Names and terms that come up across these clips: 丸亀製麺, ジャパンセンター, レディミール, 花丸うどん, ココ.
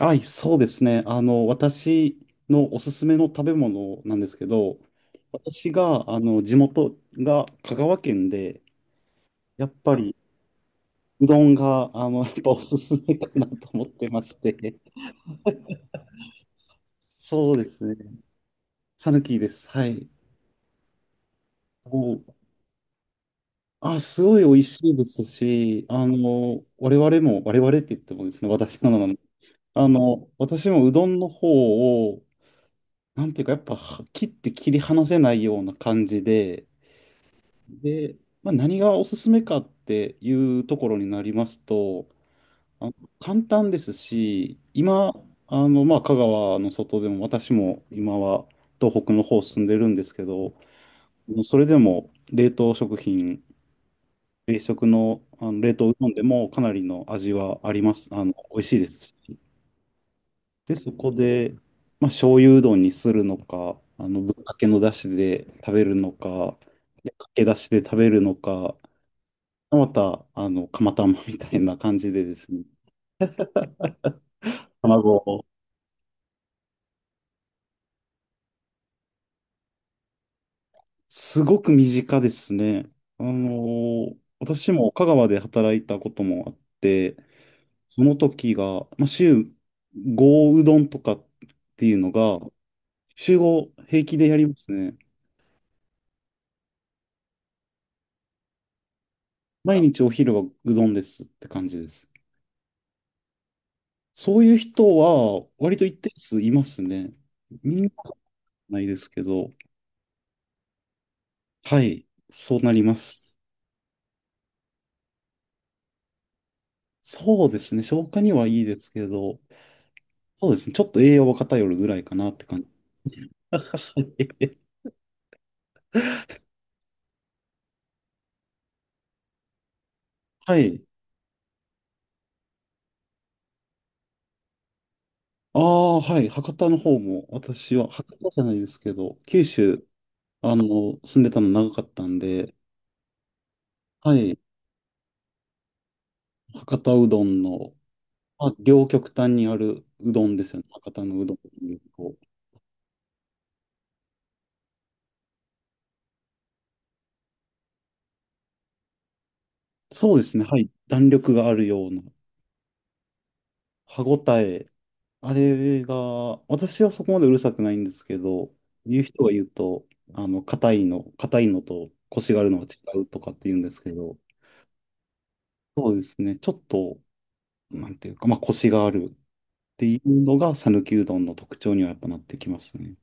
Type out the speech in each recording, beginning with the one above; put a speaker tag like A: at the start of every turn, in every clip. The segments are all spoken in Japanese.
A: はい、そうですね。私のおすすめの食べ物なんですけど、私が、地元が香川県で、やっぱりうどんが、やっぱおすすめかなと思ってまして、そうですね。さぬきです。はい。もう、あ、すごい美味しいですし、我々も、我々って言ってもですね、私のなので、私もうどんの方を、なんていうか、やっぱは切って切り離せないような感じで、で、まあ、何がおすすめかっていうところになりますと、あの簡単ですし、今、まあ、香川の外でも、私も今は東北の方住んでるんですけど、それでも冷凍食品、冷食の、冷凍うどんでもかなりの味はあります、美味しいですし、で、そこで、まあ、醤油うどんにするのか、ぶっかけのだしで食べるのか、でかけだしで食べるのか、また、釜玉みたいな感じでですね、卵を、すごく身近ですね。あの私も香川で働いたこともあって、その時が、まあ、週5うどんとかっていうのが、週5平気でやりますね。毎日お昼はうどんですって感じです。そういう人は、割と一定数いますね。みんなないですけど、はい、そうなります。そうですね。消化にはいいですけど、そうですね。ちょっと栄養は偏るぐらいかなって感じ。はい。ああ、はい。博多の方も、私は、博多じゃないですけど、九州、あの、住んでたの長かったんで、はい。博多うどんの、まあ、両極端にあるうどんですよね。博多のうどんっていうとそうですね。はい。弾力があるような、歯ごたえ、あれが、私はそこまでうるさくないんですけど、言う人が言うと、硬いのと腰があるのは違うとかって言うんですけど、そうですね、ちょっと、なんていうか、まあ、腰があるっていうのが、讃岐うどんの特徴にはやっぱなってきますね。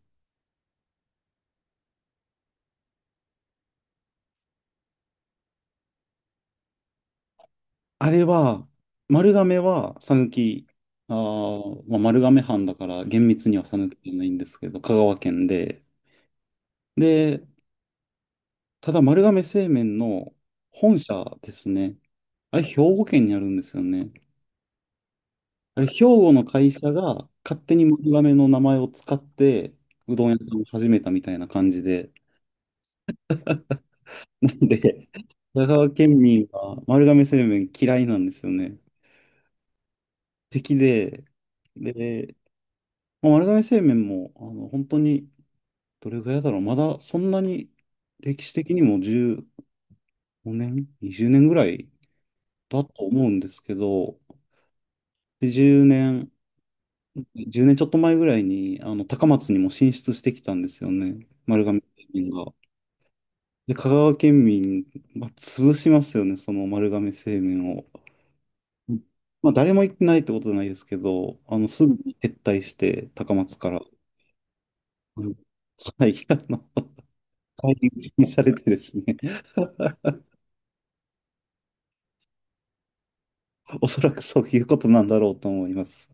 A: あれは、丸亀は讃岐、まあ、丸亀藩だから厳密には讃岐じゃないんですけど、香川県で、で、ただ丸亀製麺の本社ですね。あれ、兵庫県にあるんですよね。あれ、兵庫の会社が勝手に丸亀の名前を使って、うどん屋さんを始めたみたいな感じで。なんで、香川県民は丸亀製麺嫌いなんですよね。敵で、で、まあ丸亀製麺も、本当に、どれぐらいだろう、まだそんなに歴史的にも15年、20年ぐらいだと思うんですけど、で10年10年ちょっと前ぐらいに、高松にも進出してきたんですよね。丸亀製麺が。で、香川県民、まあ、潰しますよね、その丸亀製麺を。うんまあ、誰も行ってないってことじゃないですけど、すぐに撤退して、高松から。うんはい、解任にされてですね。おそらくそういうことなんだろうと思います。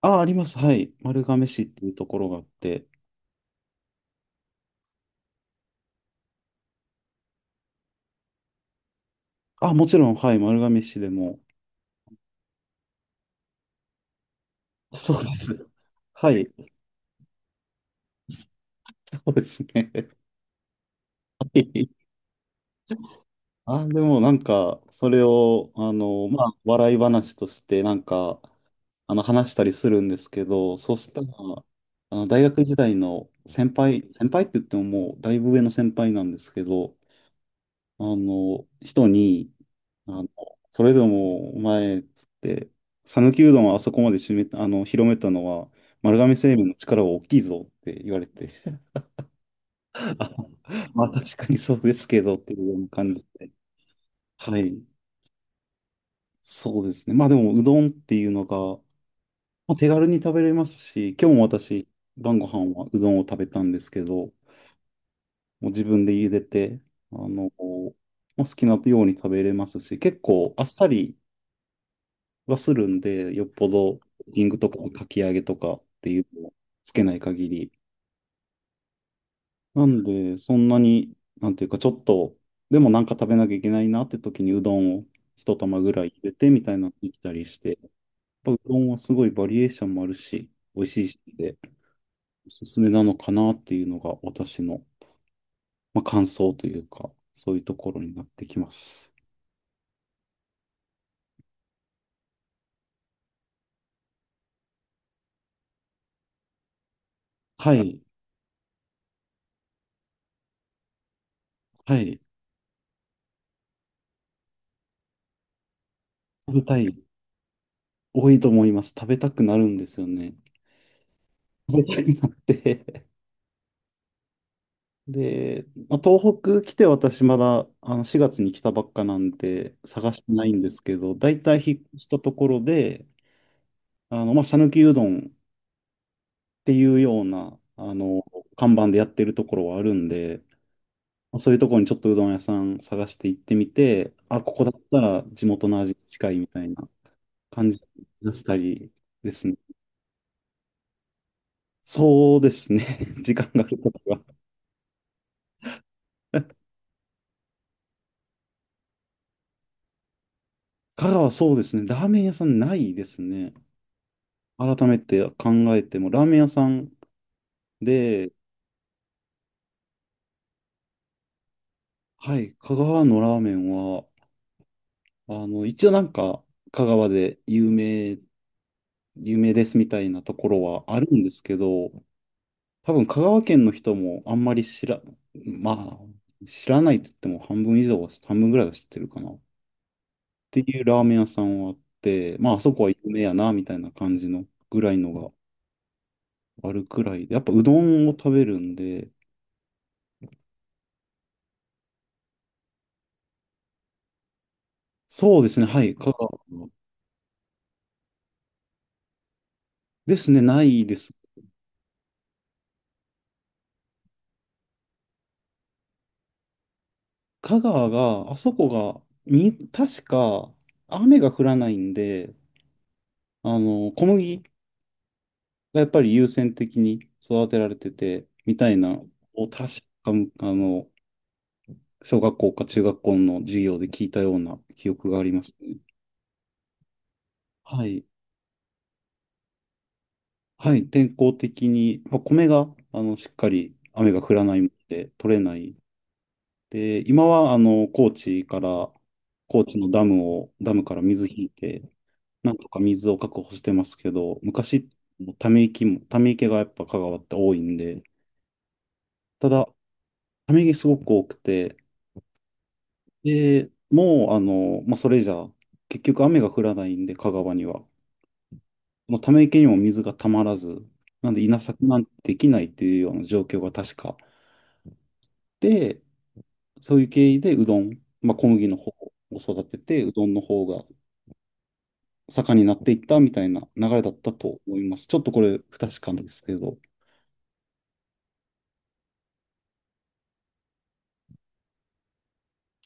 A: あ、あります。はい。丸亀市っていうところがあって。あ、もちろん、はい。丸亀市でも。そうです。はい。そうですね。はいあ、でもなんか、それを、まあ、笑い話として、なんか、話したりするんですけど、そうしたら、大学時代の先輩、先輩って言ってももう、だいぶ上の先輩なんですけど、人に、あの、それでも、お前、っつって、讃岐うどんをあそこまで締めた、広めたのは、丸亀製麺の力は大きいぞって言われて、あまあ、確かにそうですけど、っていうような感じで。はい、そうですね。まあでも、うどんっていうのが、まあ、手軽に食べれますし、今日も私、晩ご飯はうどんを食べたんですけど、もう自分で茹でて、あの、まあ、好きなように食べれますし、結構あっさりはするんで、よっぽど、リングとかかき揚げとかっていうのをつけない限り。なんで、そんなに、なんていうか、ちょっと、でもなんか食べなきゃいけないなって時にうどんを一玉ぐらい茹でてみたいなのできたりして、ぱうどんはすごいバリエーションもあるし、美味しいしで、おすすめなのかなっていうのが私の、まあ、感想というか、そういうところになってきます。はい、はい、食べたい、多いと思います。食べたくなるんですよね。食べたくなって。で、まあ、東北来て私まだ4月に来たばっかなんで探してないんですけど、大体引っ越したところで、まあ、讃岐うどんっていうような、看板でやってるところはあるんで、そういうところにちょっとうどん屋さん探して行ってみて、あ、ここだったら地元の味に近いみたいな感じ出したりですね。そうですね。時間があるときは。香川そうですね。ラーメン屋さんないですね。改めて考えても、ラーメン屋さんで、はい、香川のラーメンは、一応なんか、香川で有名、有名ですみたいなところはあるんですけど、多分香川県の人もあんまり知ら、まあ、知らないと言っても半分以上は、半分ぐらいは知ってるかな。っていうラーメン屋さんはあって、まあ、あそこは有名やな、みたいな感じのぐらいのがあるくらいで、やっぱうどんを食べるんで、そうですね、はい、香川ですね、ないです。香川が、あそこが、み、確か雨が降らないんで、小麦がやっぱり優先的に育てられてて、みたいな、を確か、あの、小学校か中学校の授業で聞いたような記憶がありますね。はい。はい。天候的に、まあ、米が、しっかり雨が降らないので取れない。で、今は、高知から、高知のダムを、ダムから水引いて、なんとか水を確保してますけど、昔、ため池も、ため池がやっぱ香川って多いんで、ただ、ため池すごく多くて、で、もう、まあ、それじゃ、結局雨が降らないんで、香川には。まあ、ため池にも水がたまらず、なんで稲作なんてできないっていうような状況が確か。で、そういう経緯でうどん、まあ、小麦の方を育てて、うどんの方が盛んになっていったみたいな流れだったと思います。ちょっとこれ不確かなんですけど。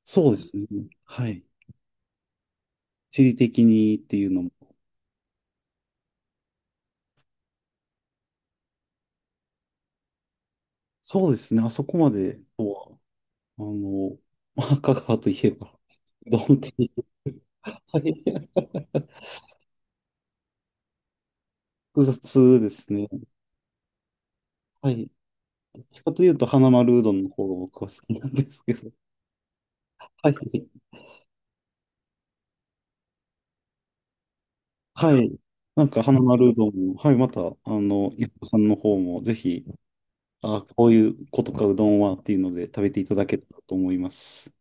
A: そうですね。はい。地理的にっていうのも。そうですね。あそこまでとは、あの、まあ、香川といえば、うどんって、はい 複雑ですね。はい。どっちかというと、花丸うどんの方が僕は好きなんですけど。はい。はい。なんか、花丸うどんも、はい、また、伊藤さんの方も、ぜひ、あ、こういうことか、うどんはっていうので、食べていただけたらと思います。